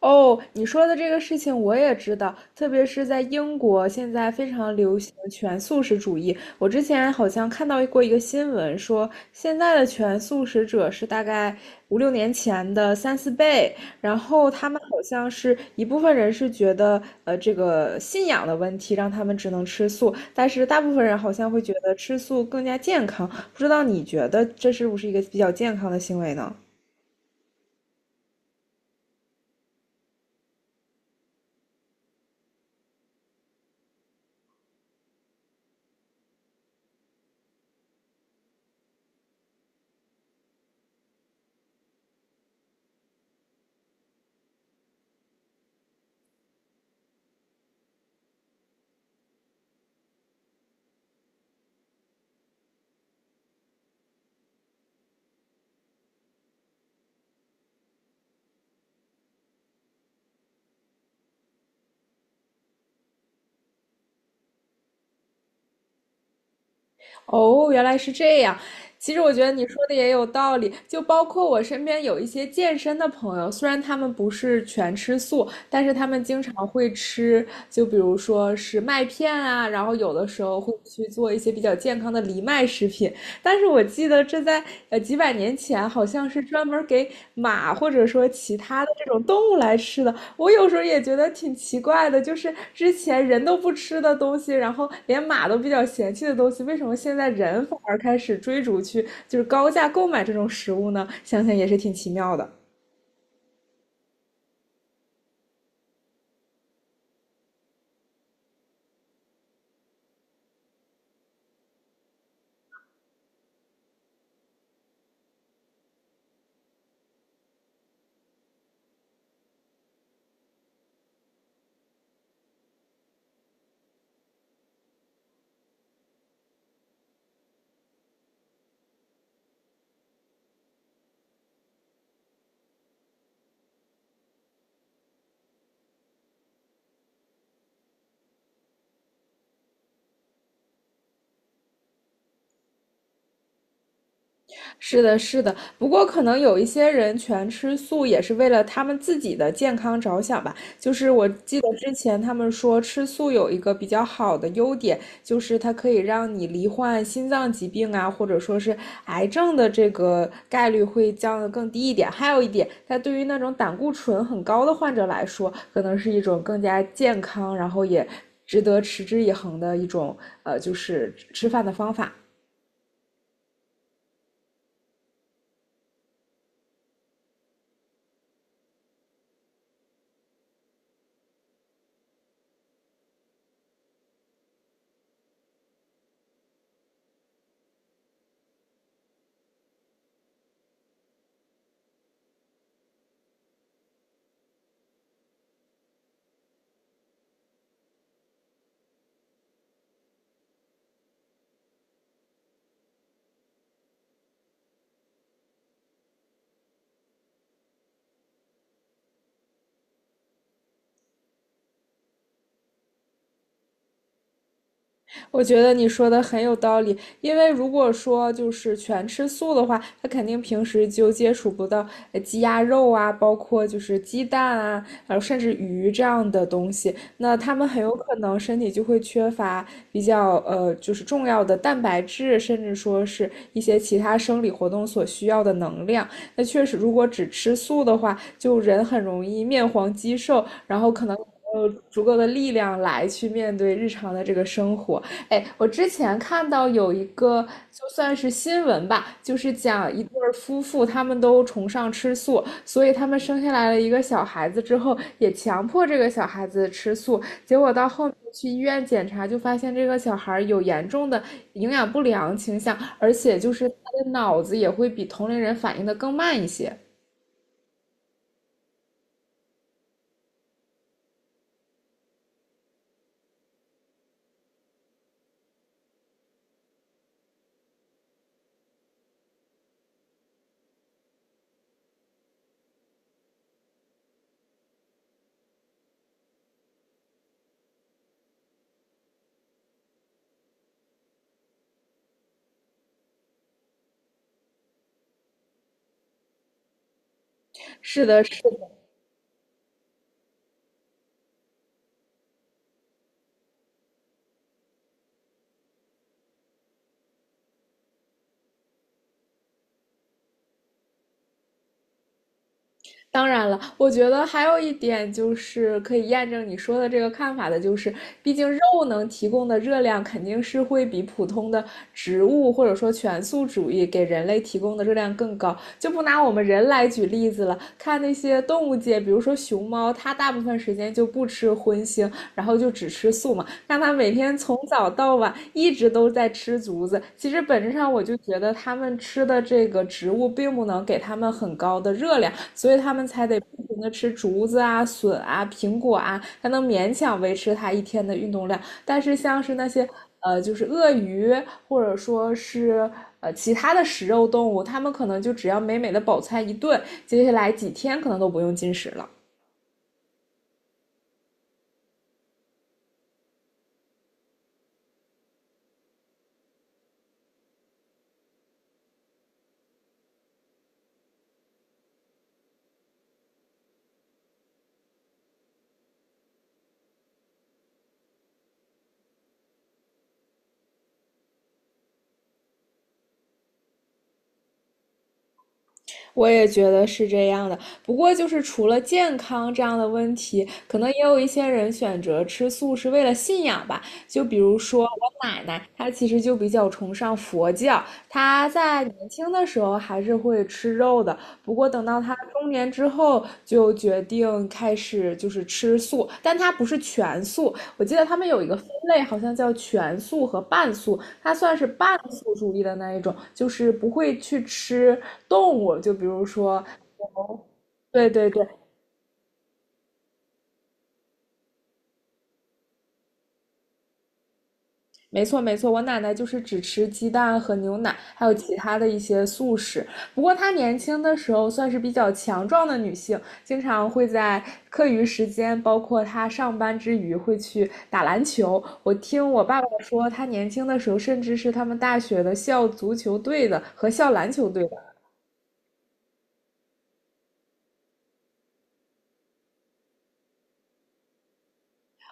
哦，你说的这个事情我也知道，特别是在英国，现在非常流行全素食主义。我之前好像看到过一个新闻，说现在的全素食者是大概五六年前的三四倍，然后他们好像是一部分人是觉得，这个信仰的问题让他们只能吃素，但是大部分人好像会觉得吃素更加健康。不知道你觉得这是不是一个比较健康的行为呢？哦，原来是这样。其实我觉得你说的也有道理，就包括我身边有一些健身的朋友，虽然他们不是全吃素，但是他们经常会吃，就比如说是麦片啊，然后有的时候会去做一些比较健康的藜麦食品。但是我记得这在几百年前好像是专门给马或者说其他的这种动物来吃的，我有时候也觉得挺奇怪的，就是之前人都不吃的东西，然后连马都比较嫌弃的东西，为什么现在人反而开始追逐去就是高价购买这种食物呢？想想也是挺奇妙的。是的，是的。不过可能有一些人全吃素也是为了他们自己的健康着想吧。就是我记得之前他们说吃素有一个比较好的优点，就是它可以让你罹患心脏疾病啊，或者说是癌症的这个概率会降得更低一点。还有一点，它对于那种胆固醇很高的患者来说，可能是一种更加健康，然后也值得持之以恒的一种就是吃饭的方法。我觉得你说的很有道理，因为如果说就是全吃素的话，他肯定平时就接触不到鸡鸭肉啊，包括就是鸡蛋啊，甚至鱼这样的东西，那他们很有可能身体就会缺乏比较就是重要的蛋白质，甚至说是一些其他生理活动所需要的能量。那确实，如果只吃素的话，就人很容易面黄肌瘦，然后可能，没有足够的力量来去面对日常的这个生活。哎，我之前看到有一个就算是新闻吧，就是讲一对儿夫妇，他们都崇尚吃素，所以他们生下来了一个小孩子之后，也强迫这个小孩子吃素，结果到后面去医院检查，就发现这个小孩儿有严重的营养不良倾向，而且就是他的脑子也会比同龄人反应的更慢一些。是的，是当然了，我觉得还有一点就是可以验证你说的这个看法的，就是毕竟肉能提供的热量肯定是会比普通的植物或者说全素主义给人类提供的热量更高。就不拿我们人来举例子了，看那些动物界，比如说熊猫，它大部分时间就不吃荤腥，然后就只吃素嘛。让他每天从早到晚一直都在吃竹子。其实本质上我就觉得他们吃的这个植物并不能给他们很高的热量，所以他们才得不停的吃竹子啊、笋啊、苹果啊，才能勉强维持他一天的运动量。但是像是那些就是鳄鱼或者说是其他的食肉动物，它们可能就只要美美的饱餐一顿，接下来几天可能都不用进食了。我也觉得是这样的。不过，就是除了健康这样的问题，可能也有一些人选择吃素是为了信仰吧。就比如说我奶奶，她其实就比较崇尚佛教，她在年轻的时候还是会吃肉的。不过等到她中年之后，就决定开始就是吃素，但她不是全素。我记得他们有一个分类，好像叫全素和半素。它算是半素主义的那一种，就是不会去吃动物，就比如说，对对对，没错没错，我奶奶就是只吃鸡蛋和牛奶，还有其他的一些素食。不过她年轻的时候算是比较强壮的女性，经常会在课余时间，包括她上班之余会去打篮球。我听我爸爸说，她年轻的时候甚至是他们大学的校足球队的和校篮球队的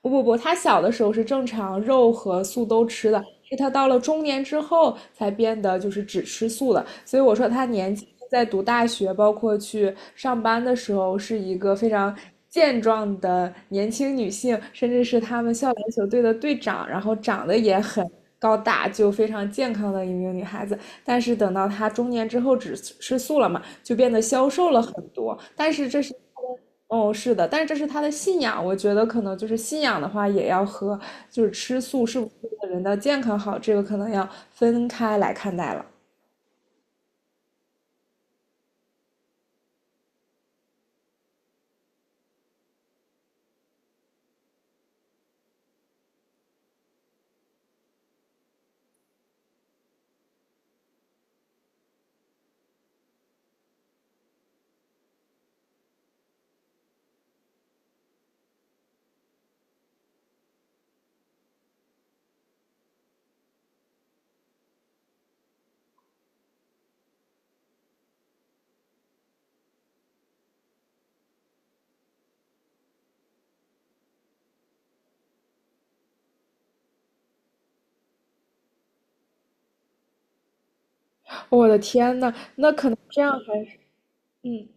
不不不，她小的时候是正常肉和素都吃的，是她到了中年之后才变得就是只吃素的。所以我说她年轻在读大学，包括去上班的时候，是一个非常健壮的年轻女性，甚至是他们校篮球队的队长，然后长得也很高大，就非常健康的一名女孩子。但是等到她中年之后只吃素了嘛，就变得消瘦了很多。但是这是哦，是的，但是这是他的信仰。我觉得可能就是信仰的话，也要和就是吃素是不是对人的健康好，这个可能要分开来看待了。我的天呐！这样还嗯，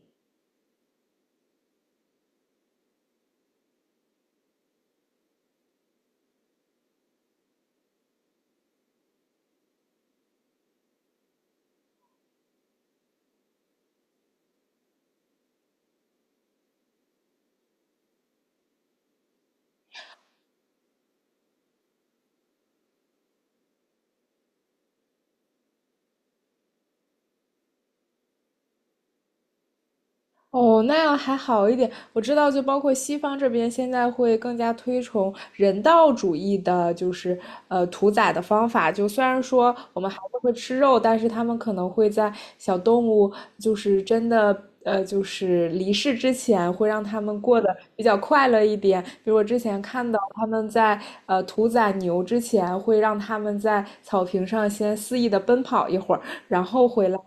哦，那样还好一点。我知道，就包括西方这边现在会更加推崇人道主义的，就是屠宰的方法。就虽然说我们还是会吃肉，但是他们可能会在小动物就是真的就是离世之前，会让他们过得比较快乐一点。比如我之前看到他们在屠宰牛之前，会让他们在草坪上先肆意的奔跑一会儿，然后回来。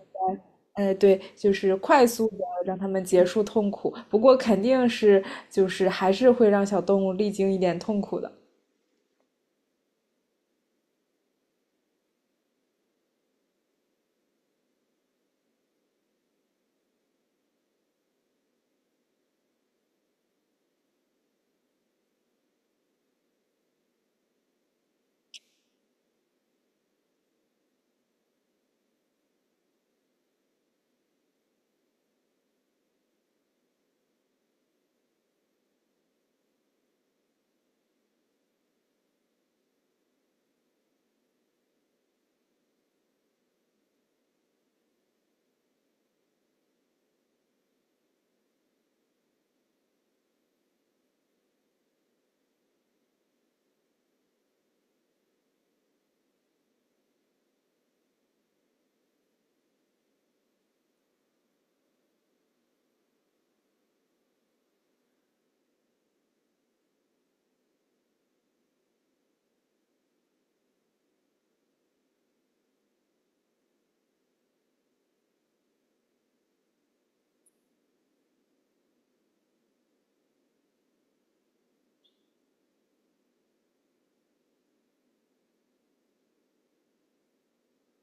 哎，对，就是快速的让他们结束痛苦，不过肯定是就是还是会让小动物历经一点痛苦的。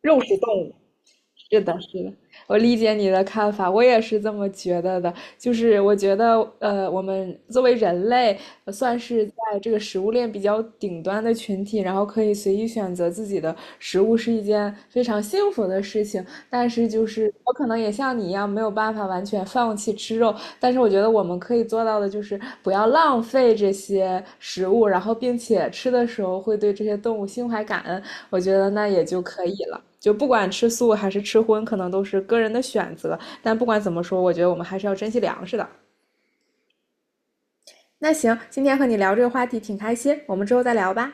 肉食动物，是的，是的，我理解你的看法，我也是这么觉得的。就是我觉得，我们作为人类，算是在这个食物链比较顶端的群体，然后可以随意选择自己的食物，是一件非常幸福的事情。但是，就是我可能也像你一样，没有办法完全放弃吃肉，但是我觉得我们可以做到的就是不要浪费这些食物，然后并且吃的时候会对这些动物心怀感恩，我觉得那也就可以了。就不管吃素还是吃荤，可能都是个人的选择，但不管怎么说，我觉得我们还是要珍惜粮食的。那行，今天和你聊这个话题挺开心，我们之后再聊吧。